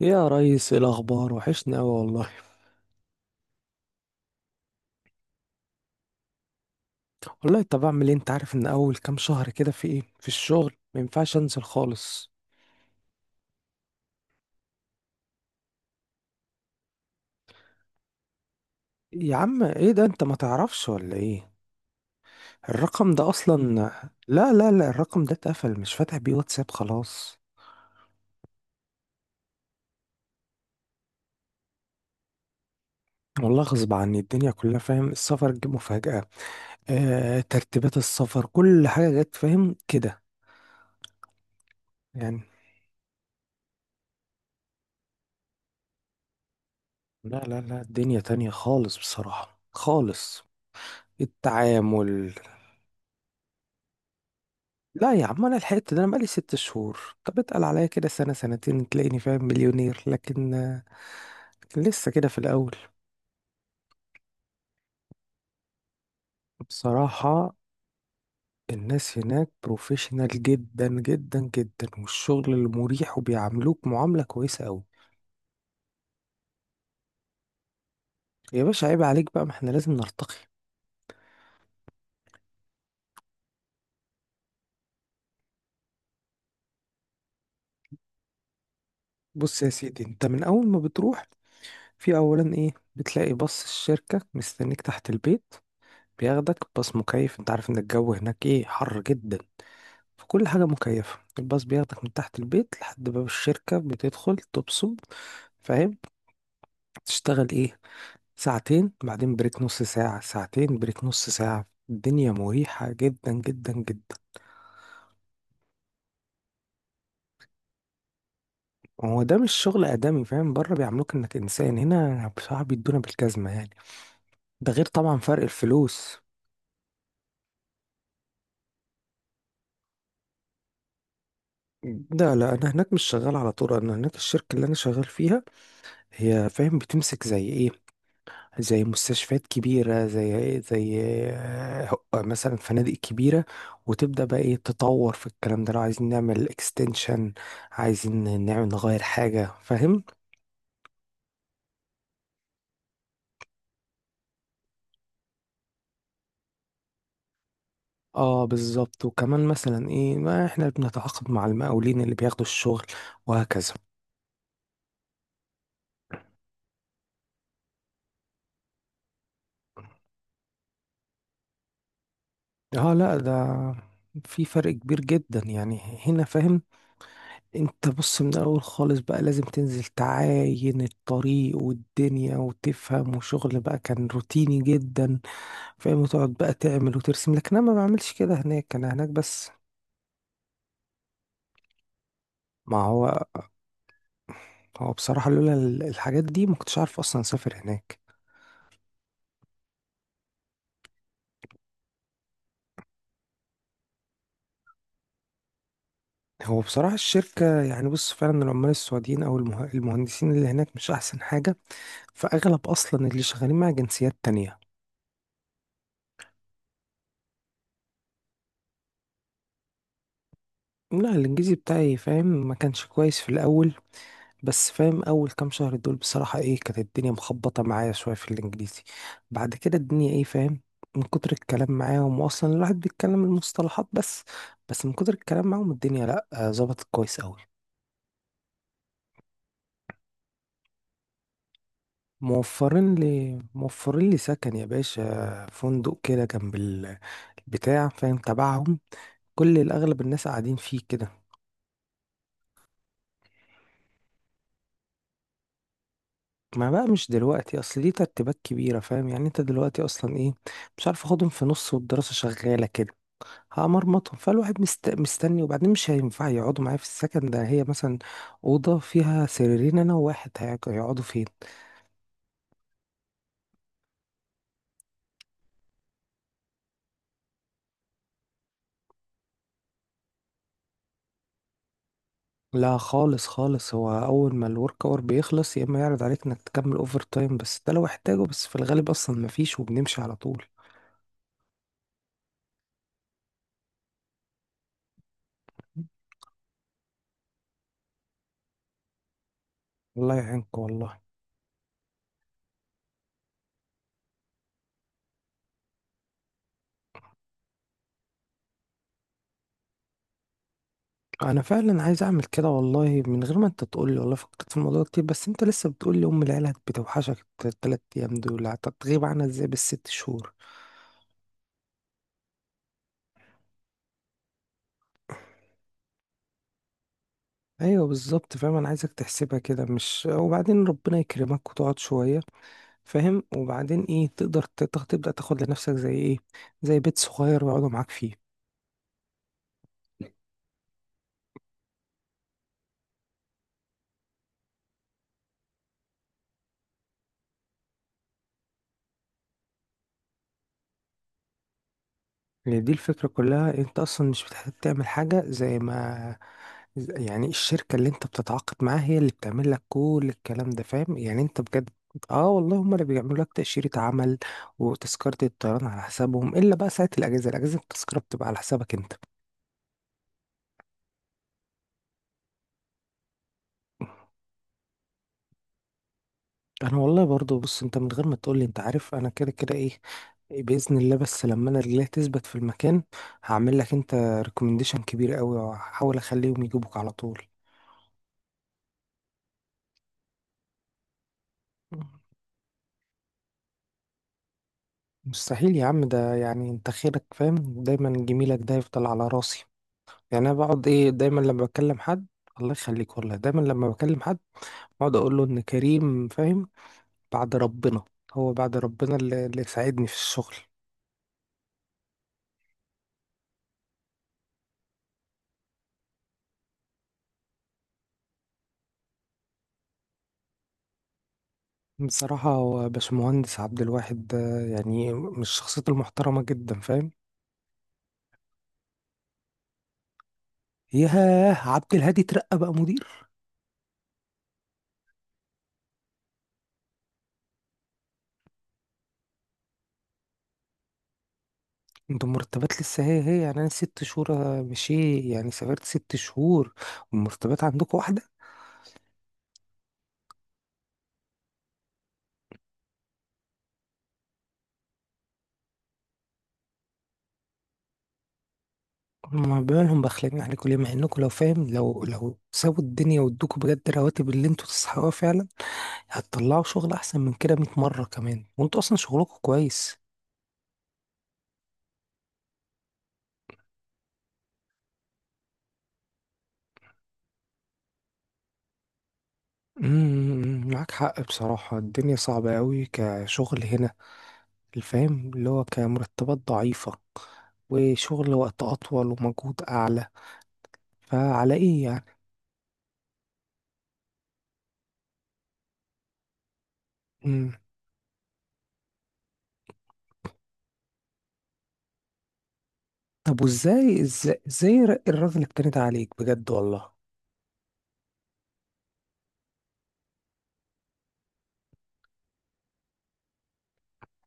يا ريس، إيه الاخبار؟ وحشني قوي والله. والله طب اعمل ايه؟ انت عارف ان اول كام شهر كده في ايه، في الشغل ما ينفعش انزل خالص. يا عم ايه ده، انت ما تعرفش ولا ايه؟ الرقم ده اصلا، لا لا لا، الرقم ده اتقفل، مش فاتح بيه واتساب خلاص. والله غصب عني، الدنيا كلها فاهم، السفر جه مفاجأة. آه، ترتيبات السفر كل حاجة جت، فاهم كده. يعني لا لا لا، الدنيا تانية خالص، بصراحة خالص. التعامل. لا يا عم انا لحقت، ده انا بقالي ست شهور. طب اتقل عليا كده سنة سنتين تلاقيني فاهم مليونير، لكن لسه كده في الاول. بصراحة، الناس هناك بروفيشنال جدا جدا جدا، والشغل اللي مريح، وبيعاملوك معاملة كويسة قوي. يا باشا، عيب عليك بقى، ما احنا لازم نرتقي. بص يا سيدي، انت من اول ما بتروح، في اولا ايه، بتلاقي باص الشركة مستنيك تحت البيت. بياخدك باص مكيف، انت عارف ان الجو هناك ايه، حر جدا. فكل حاجة مكيفة. الباص بياخدك من تحت البيت لحد باب الشركة، بتدخل تبصم، فاهم؟ تشتغل ايه ساعتين، بعدين بريك نص ساعة، ساعتين بريك نص ساعة. الدنيا مريحة جدا جدا جدا. هو ده مش شغل آدمي، فاهم؟ بره بيعاملوك انك إنسان، هنا بصراحة بيدونا بالجزمة يعني. ده غير طبعا فرق الفلوس. لا لا، انا هناك مش شغال على طول. انا هناك الشركة اللي انا شغال فيها، هي فاهم بتمسك زي ايه، زي مستشفيات كبيرة، زي زي آه، مثلا فنادق كبيرة. وتبدأ بقى ايه، تطور في الكلام ده، لو عايزين نعمل اكستنشن، عايزين نعمل نغير حاجة، فاهم؟ اه بالظبط. وكمان مثلا ايه، ما احنا بنتعاقد مع المقاولين اللي بياخدوا الشغل، وهكذا. اه لا، ده في فرق كبير جدا يعني. هنا فاهم، انت بص من الاول خالص بقى لازم تنزل تعاين الطريق والدنيا وتفهم، وشغل بقى كان روتيني جدا، فاهم، وتقعد بقى تعمل وترسم. لكن انا ما بعملش كده هناك، انا هناك بس. ما هو، هو بصراحة لولا الحاجات دي ما كنتش عارف اصلا اسافر هناك. هو بصراحة الشركة يعني بص، فعلا العمال السعوديين او المهندسين اللي هناك مش احسن حاجة. فاغلب اصلا اللي شغالين مع جنسيات تانية. لا، الانجليزي بتاعي فاهم ما كانش كويس في الاول، بس فاهم اول كام شهر دول بصراحة ايه، كانت الدنيا مخبطة معايا شوية في الانجليزي. بعد كده الدنيا ايه فاهم، من كتر الكلام معاهم، واصلا الواحد بيتكلم المصطلحات بس. بس من كتر الكلام معاهم الدنيا لا آه، ظبطت كويس قوي. موفرين لي سكن يا باشا، فندق كده جنب البتاع فاهم تبعهم. كل الاغلب الناس قاعدين فيه كده. ما بقى مش دلوقتي، اصل ليه ترتيبات كبيرة، فاهم يعني، انت دلوقتي اصلا ايه، مش عارف اخدهم في نص والدراسة شغالة كده، هأمرمطهم. فالواحد مستني. وبعدين مش هينفع يقعدوا معايا في السكن ده، هي مثلا أوضة فيها سريرين، أنا وواحد هيقعدوا فين؟ لا خالص خالص، هو أول ما الورك أور بيخلص، يا إما يعرض عليك إنك تكمل أوفر تايم، بس ده لو احتاجه، بس في الغالب أصلا مفيش وبنمشي على طول. الله يعينك والله. أنا فعلا عايز أعمل كده والله، من غير ما أنت تقولي والله فكرت في الموضوع كتير. بس أنت لسه بتقولي أم العيلة بتوحشك التلات أيام دول، هتغيب عنها إزاي بالست شهور؟ ايوه بالظبط، فاهم انا عايزك تحسبها كده، مش وبعدين ربنا يكرمك وتقعد شويه، فاهم؟ وبعدين ايه، تقدر تبدا تاخد لنفسك زي ايه، زي بيت صغير يقعدوا معاك فيه. يعني دي الفكره كلها، انت اصلا مش بتحتاج تعمل حاجه، زي ما يعني الشركه اللي انت بتتعاقد معاها هي اللي بتعمل لك كل الكلام ده، فاهم يعني انت بجد. اه والله، هم اللي بيعملوا لك تاشيره عمل وتذكره الطيران على حسابهم، الا بقى ساعه الاجازه، الاجازه التذكره بتبقى على حسابك انت. انا والله برضو، بص، انت من غير ما تقولي انت عارف انا كده كده ايه، باذن الله، بس لما انا رجليا تثبت في المكان هعمل لك انت ريكومنديشن كبير قوي، وهحاول اخليهم يجيبوك على طول. مستحيل يا عم، ده يعني انت خيرك فاهم، دايما جميلك ده يفضل على راسي. يعني انا بقعد ايه، دايما لما بكلم حد، الله يخليك والله، دايما لما بكلم حد بقعد اقول له ان كريم، فاهم، بعد ربنا. هو بعد ربنا اللي ساعدني في الشغل. بصراحة هو باشمهندس عبد الواحد ده يعني من الشخصيات المحترمة جدا، فاهم. ياه، عبد الهادي ترقى بقى مدير؟ انت مرتبات لسه هي هي يعني؟ انا ست شهور مشي يعني، سافرت ست شهور والمرتبات عندكم واحدة. ما بالهم بخلين عليكم ليه، مع انكم لو فاهم لو سابوا الدنيا وادوكوا بجد الرواتب اللي انتوا تستحقوها فعلا، هتطلعوا شغل احسن من كده 100 مرة كمان، وانتوا اصلا شغلكم كويس. معاك حق، بصراحة الدنيا صعبة قوي كشغل هنا. الفهم اللي هو كمرتبات ضعيفة، وشغل وقت أطول، ومجهود أعلى، فعلى إيه يعني؟ مم. طب وإزاي إزاي الراجل اتكلمت عليك بجد والله؟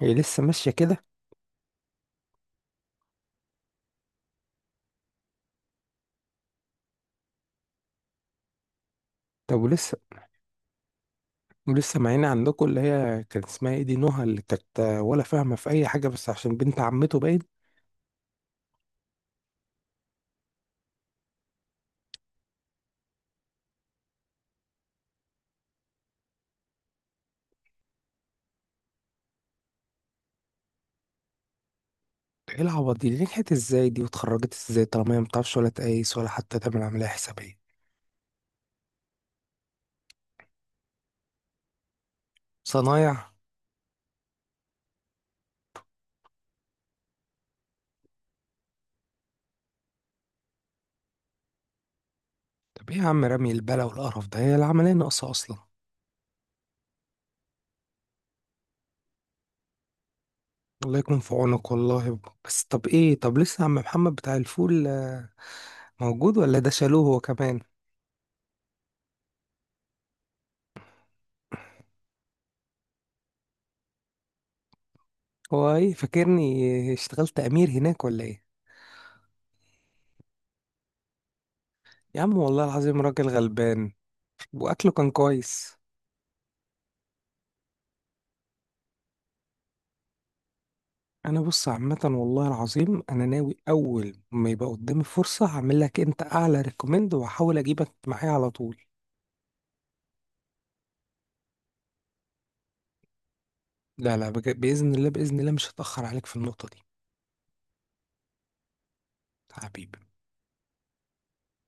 هي لسه ماشية كده؟ طب ولسه، معينا عندكم اللي هي كان اسمها ايه دي، نهى، اللي كانت ولا فاهمة في أي حاجة بس عشان بنت عمته باين؟ ايه العبط دي نجحت ازاي، دي واتخرجت ازاي، طالما هي مبتعرفش ولا تقيس ولا حتى تعمل عملية حسابية؟ صنايع. طب ايه يا عم، رمي البلا والقرف ده، هي العملية ناقصة أصلا. الله يكون في عونك والله. بس طب ايه، طب لسه عم محمد بتاع الفول آه، موجود ولا ده شالوه هو كمان؟ هو ايه، فاكرني اشتغلت امير هناك ولا ايه؟ يا عم والله العظيم راجل غلبان، واكله كان كويس. انا بص عامه، والله العظيم انا ناوي اول ما يبقى قدامي فرصه هعمل لك انت اعلى ريكومند، وهحاول اجيبك معايا على طول. لا لا باذن الله، باذن الله مش هتاخر عليك في النقطه دي. حبيبي.